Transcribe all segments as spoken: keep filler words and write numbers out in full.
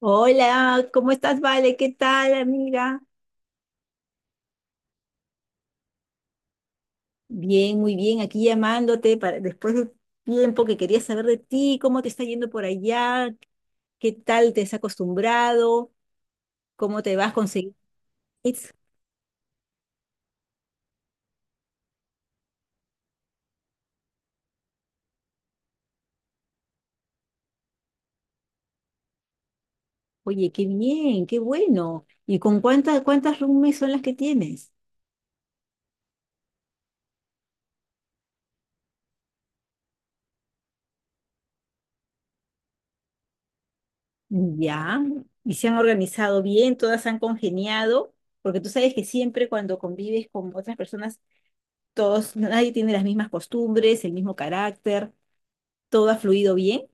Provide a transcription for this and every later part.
Hola, ¿cómo estás, Vale? ¿Qué tal, amiga? Bien, muy bien, aquí llamándote para después de tiempo que quería saber de ti, cómo te está yendo por allá, qué tal te has acostumbrado, cómo te vas a conseguir. Oye, qué bien, qué bueno. ¿Y con cuántas cuántas roomies son las que tienes? Ya, y se han organizado bien, todas han congeniado, porque tú sabes que siempre cuando convives con otras personas, todos, nadie tiene las mismas costumbres, el mismo carácter, todo ha fluido bien.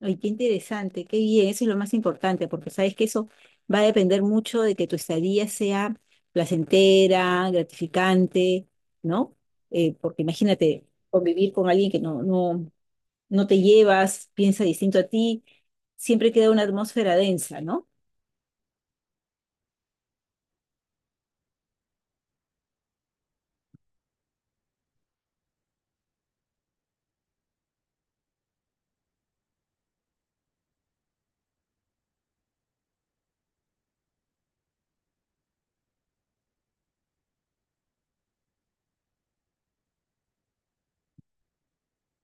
Ay, qué interesante, qué bien, eso es lo más importante, porque sabes que eso va a depender mucho de que tu estadía sea placentera, gratificante, ¿no? Eh, porque imagínate, convivir con alguien que no, no, no te llevas, piensa distinto a ti, siempre queda una atmósfera densa, ¿no?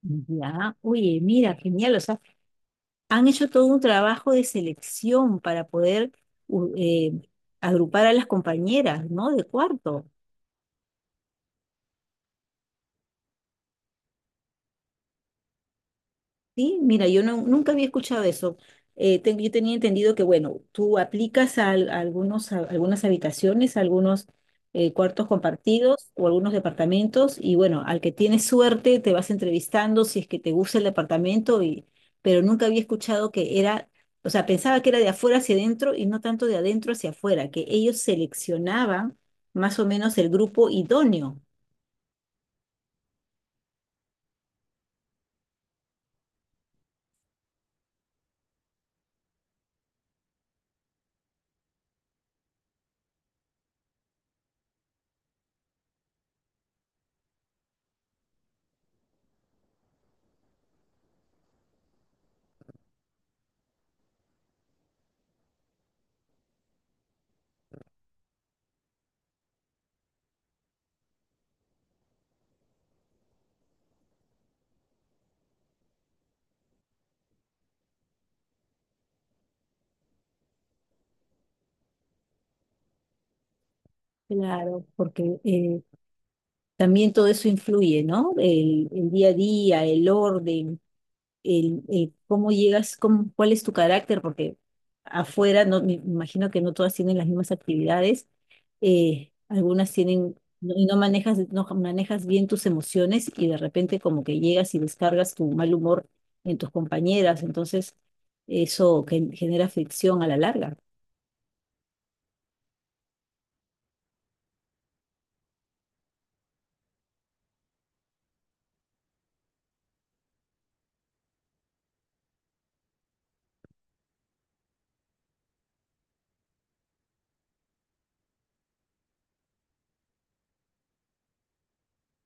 Ya, oye, mira, genial, o sea, han hecho todo un trabajo de selección para poder u- eh, agrupar a las compañeras, ¿no? De cuarto. Sí, mira, yo no, nunca había escuchado eso. Eh, te- yo tenía entendido que, bueno, tú aplicas a, al- a algunos, a algunas habitaciones, a algunos eh, cuartos compartidos o algunos departamentos y, bueno, al que tienes suerte te vas entrevistando si es que te gusta el departamento, y, pero nunca había escuchado que era, o sea, pensaba que era de afuera hacia adentro y no tanto de adentro hacia afuera, que ellos seleccionaban más o menos el grupo idóneo. Claro, porque eh, también todo eso influye, ¿no? El, el día a día, el orden, el, el cómo llegas, cómo- cuál es tu carácter, porque afuera no, me imagino que no todas tienen las mismas actividades, eh, algunas tienen, no- y no manejas, no manejas bien tus emociones y de repente como que llegas y descargas tu mal humor en tus compañeras, entonces eso gen- genera fricción a la larga.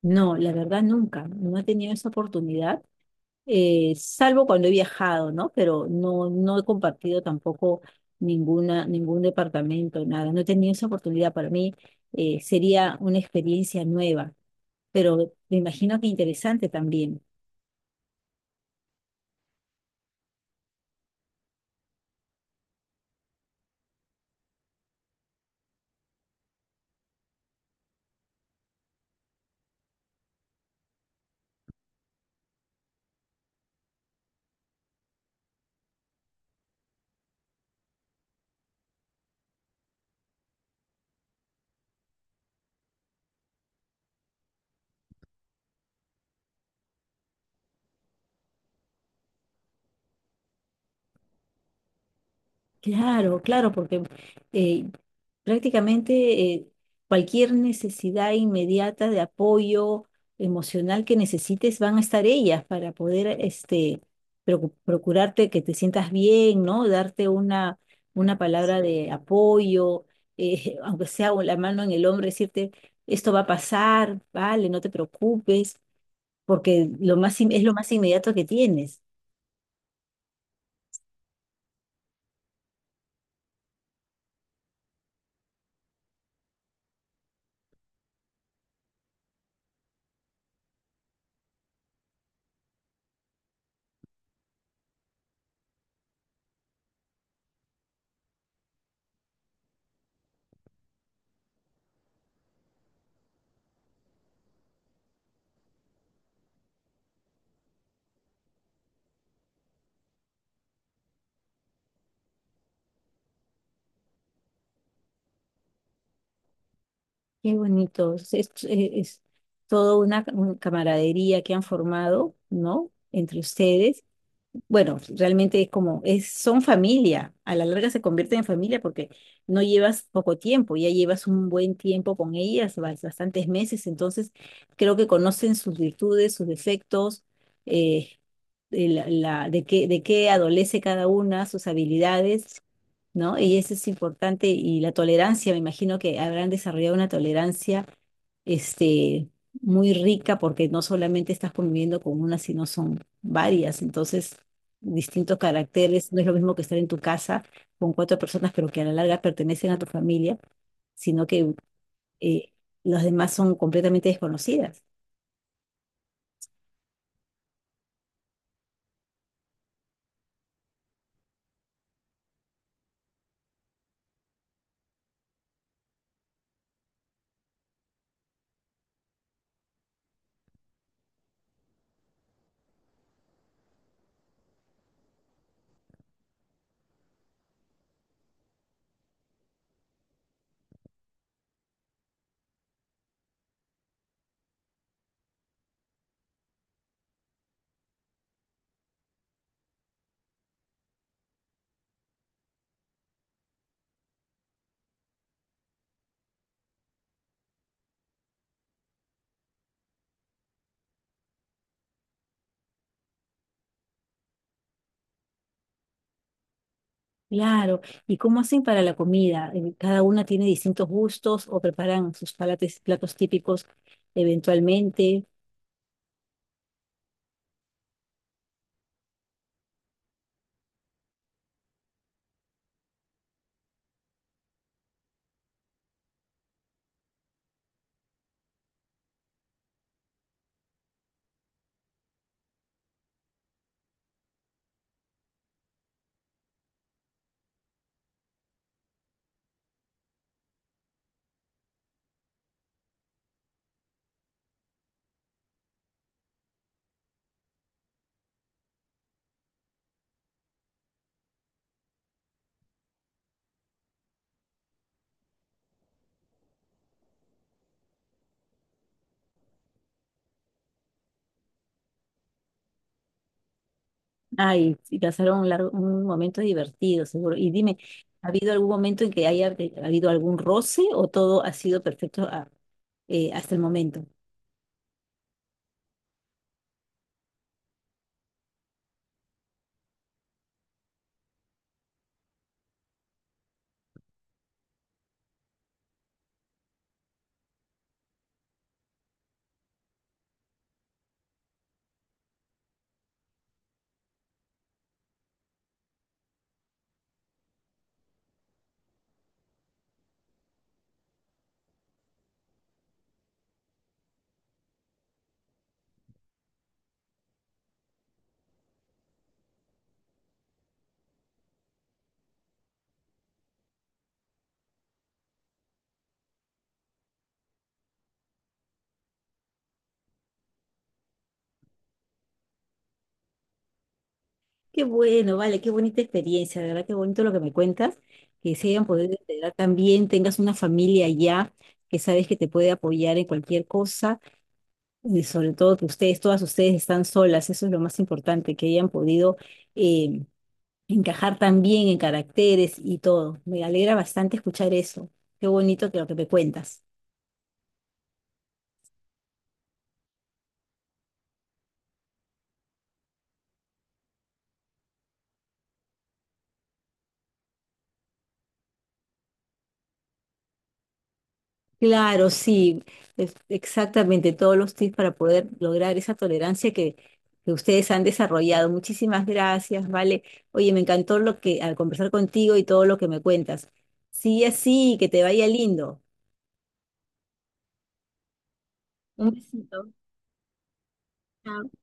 No, la verdad nunca, no he tenido esa oportunidad, eh, salvo cuando he viajado, ¿no? Pero no, no he compartido tampoco ninguna, ningún departamento, nada. No he tenido esa oportunidad. Para mí eh, sería una experiencia nueva, pero me imagino que interesante también. Claro, claro, porque eh, prácticamente eh, cualquier necesidad inmediata de apoyo emocional que necesites van a estar ellas para poder este, procu- procurarte que te sientas bien, ¿no? Darte una, una palabra de apoyo, eh, aunque sea la mano en el hombro, decirte, esto va a pasar, vale, no te preocupes, porque lo más, in- es lo más inmediato que tienes. Qué bonito. Es, es- es toda una un- camaradería que han formado, ¿no? Entre ustedes bueno, realmente es como, es, son familia, a la larga se convierten en familia porque no llevas poco tiempo, ya llevas un buen tiempo con ellas, bas- bastantes meses, entonces creo que conocen sus virtudes, sus defectos, eh, de, la, la- de qué, de qué adolece cada una, sus habilidades, ¿no? Y eso es importante y la tolerancia, me imagino que habrán desarrollado una tolerancia este, muy rica porque no solamente estás conviviendo con una, sino son varias. Entonces, distintos caracteres, no es lo mismo que estar en tu casa con cuatro personas, pero que a la larga pertenecen a tu familia, sino que eh, las demás son completamente desconocidas. Claro, ¿y cómo hacen para la comida? Eh, ¿Cada una tiene distintos gustos o preparan sus palates- platos típicos eventualmente? Ay, sí, pasaron un largo, un momento divertido, seguro. Y dime, ¿ha habido algún momento en que haya te- habido algún roce o todo ha sido perfecto a- eh, hasta el momento? Qué bueno, vale, qué bonita experiencia, de verdad, qué bonito lo que me cuentas, que se hayan podido integrar también, tengas una familia allá que sabes que te puede apoyar en cualquier cosa, y sobre todo que ustedes, todas ustedes están solas, eso es lo más importante, que hayan podido eh, encajar también en caracteres y todo. Me alegra bastante escuchar eso. Qué bonito que lo que me cuentas. Claro, sí, es- exactamente todos los tips para poder lograr esa tolerancia que, que ustedes han desarrollado. Muchísimas gracias, vale. Oye, me encantó lo que al conversar contigo y todo lo que me cuentas. Sigue así, que te vaya lindo. Un besito. Chao.